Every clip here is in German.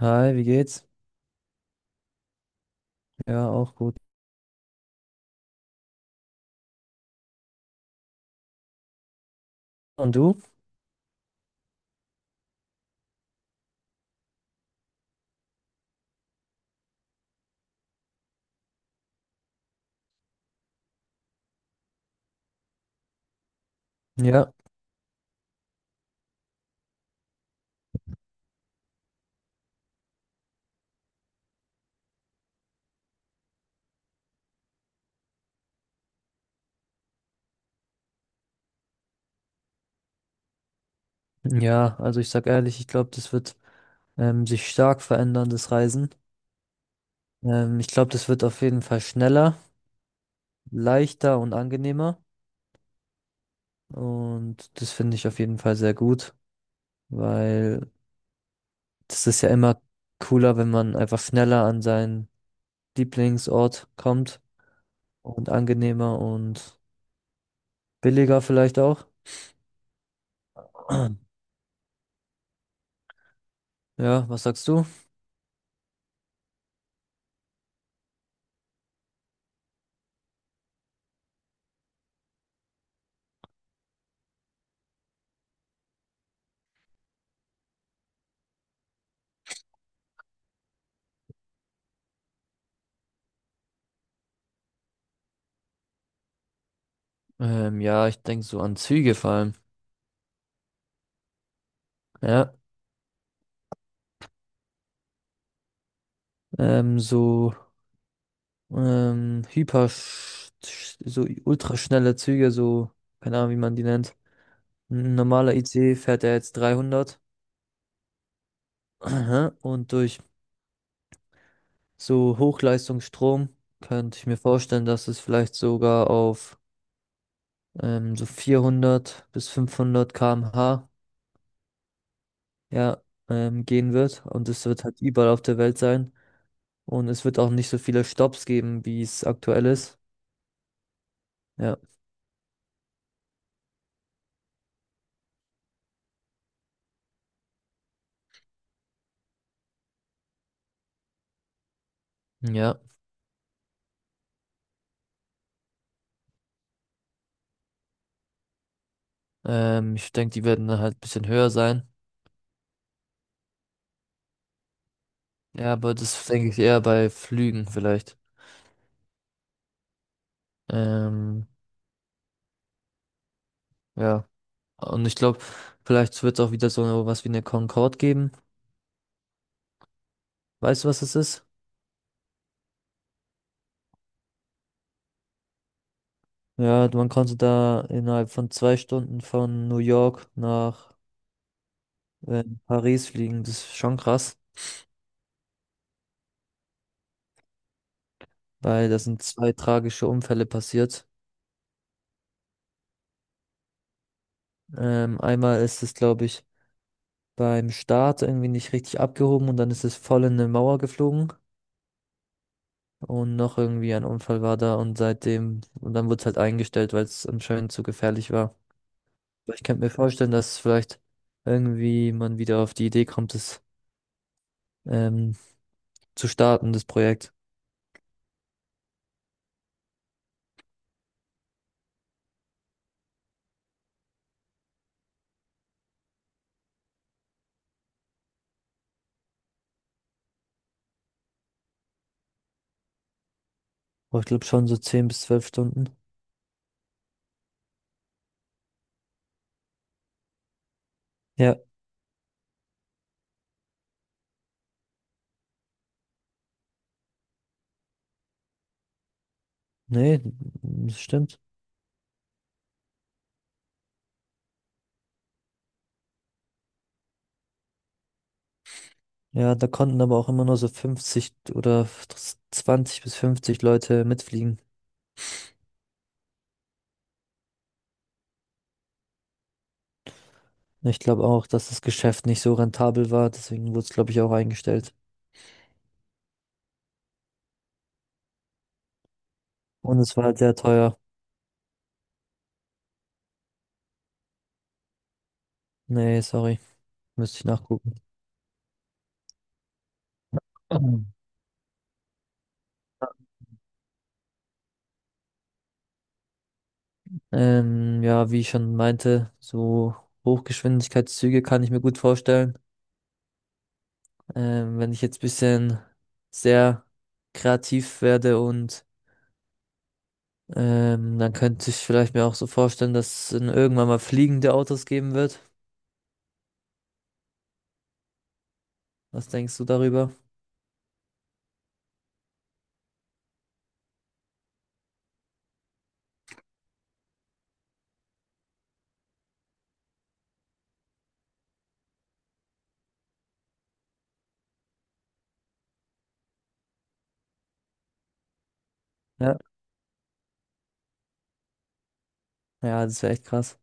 Hi, wie geht's? Ja, auch gut. Und du? Ja, ja, also ich sag ehrlich, ich glaube, das wird sich stark verändern, das Reisen. Ich glaube, das wird auf jeden Fall schneller, leichter und angenehmer. Und das finde ich auf jeden Fall sehr gut, weil das ist ja immer cooler, wenn man einfach schneller an seinen Lieblingsort kommt und angenehmer und billiger vielleicht auch. Ja, was sagst du? Ja, ich denke so an Züge vor allem. Ja. ähm, so ähm, hyper, sch- so ultraschnelle Züge, so, keine Ahnung, wie man die nennt. Ein normaler IC fährt er jetzt 300. Aha. Und durch so Hochleistungsstrom könnte ich mir vorstellen, dass es vielleicht sogar auf so 400 bis 500 km/h, ja, gehen wird. Und es wird halt überall auf der Welt sein. Und es wird auch nicht so viele Stops geben, wie es aktuell ist. Ja. Ja. Ich denke, die werden dann halt ein bisschen höher sein. Ja, aber das denke ich eher bei Flügen vielleicht. Ähm, ja. Und ich glaube, vielleicht wird es auch wieder so was wie eine Concorde geben. Weißt du, was es ist? Ja, man konnte da innerhalb von 2 Stunden von New York nach Paris fliegen. Das ist schon krass, weil da sind zwei tragische Unfälle passiert. Einmal ist es, glaube ich, beim Start irgendwie nicht richtig abgehoben und dann ist es voll in eine Mauer geflogen. Und noch irgendwie ein Unfall war da und seitdem, und dann wurde es halt eingestellt, weil es anscheinend zu gefährlich war. Aber ich könnte mir vorstellen, dass vielleicht irgendwie man wieder auf die Idee kommt, das ähm, zu starten, das Projekt. Aber ich glaube schon so 10 bis 12 Stunden. Ja, nee, das stimmt. Ja, da konnten aber auch immer nur so 50 oder 20 bis 50 Leute mitfliegen. Ich glaube auch, dass das Geschäft nicht so rentabel war, deswegen wurde es, glaube ich, auch eingestellt. Und es war halt sehr teuer. Nee, sorry, müsste ich nachgucken. Ja, wie ich schon meinte, so Hochgeschwindigkeitszüge kann ich mir gut vorstellen. Wenn ich jetzt bisschen sehr kreativ werde und dann könnte ich vielleicht mir auch so vorstellen, dass es irgendwann mal fliegende Autos geben wird. Was denkst du darüber? Ja. Ja, das wäre echt krass.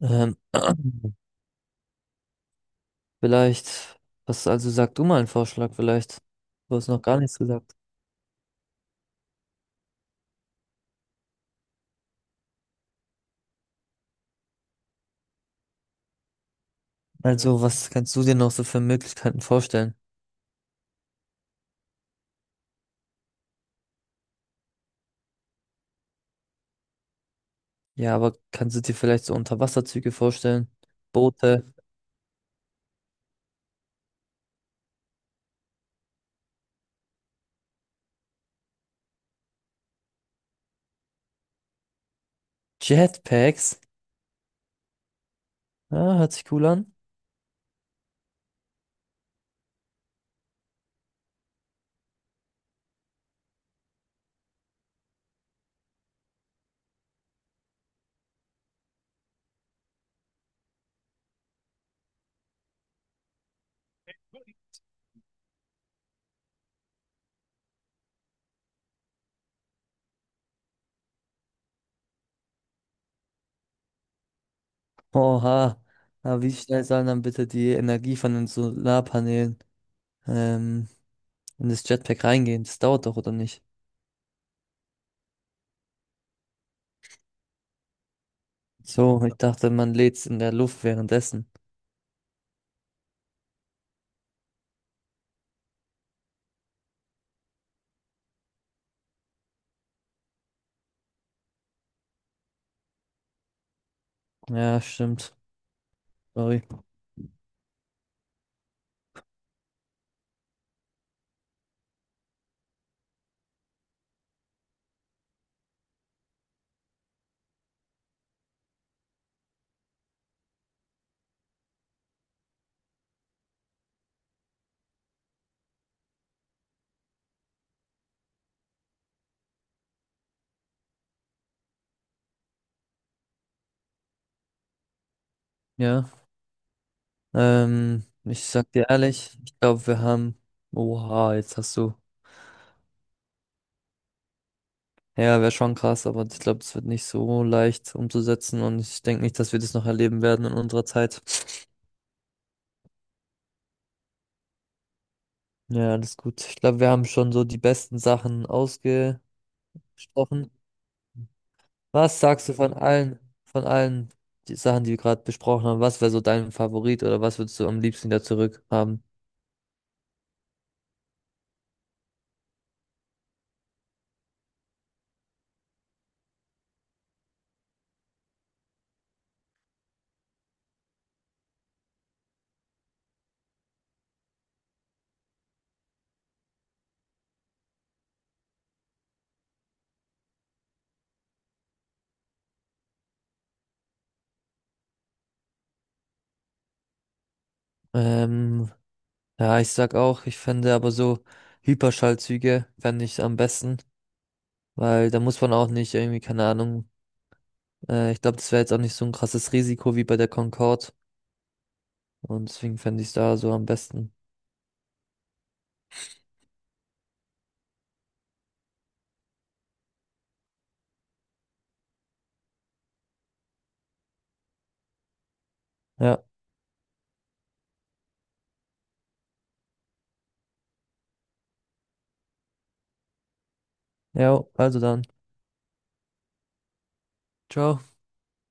Ähm, Vielleicht, was, also sag du mal einen Vorschlag vielleicht? Du hast noch gar nichts gesagt. Also, was kannst du dir noch so für Möglichkeiten vorstellen? Ja, aber kannst du dir vielleicht so Unterwasserzüge vorstellen? Boote, Jetpacks? Ah, hört sich cool an. Oha. Aber wie schnell sollen dann bitte die Energie von den Solarpanelen ähm, in das Jetpack reingehen? Das dauert doch, oder nicht? So, ich dachte, man lädt's in der Luft währenddessen. Ja, stimmt. Sorry. Ja. Ich sag dir ehrlich, ich glaube, wir haben. Oha, jetzt hast du. Ja, wäre schon krass, aber ich glaube, das wird nicht so leicht umzusetzen und ich denke nicht, dass wir das noch erleben werden in unserer Zeit. Ja, alles gut. Ich glaube, wir haben schon so die besten Sachen ausgesprochen. Was sagst du von allen die Sachen, die wir gerade besprochen haben? Was wäre so dein Favorit oder was würdest du am liebsten wieder zurückhaben? Ähm, ja, ich sag auch, ich fände aber so Hyperschallzüge fände ich am besten, weil da muss man auch nicht irgendwie, keine Ahnung, ich glaube, das wäre jetzt auch nicht so ein krasses Risiko wie bei der Concorde. Und deswegen fände ich es da so am besten. Ja, ja, also dann. Ciao.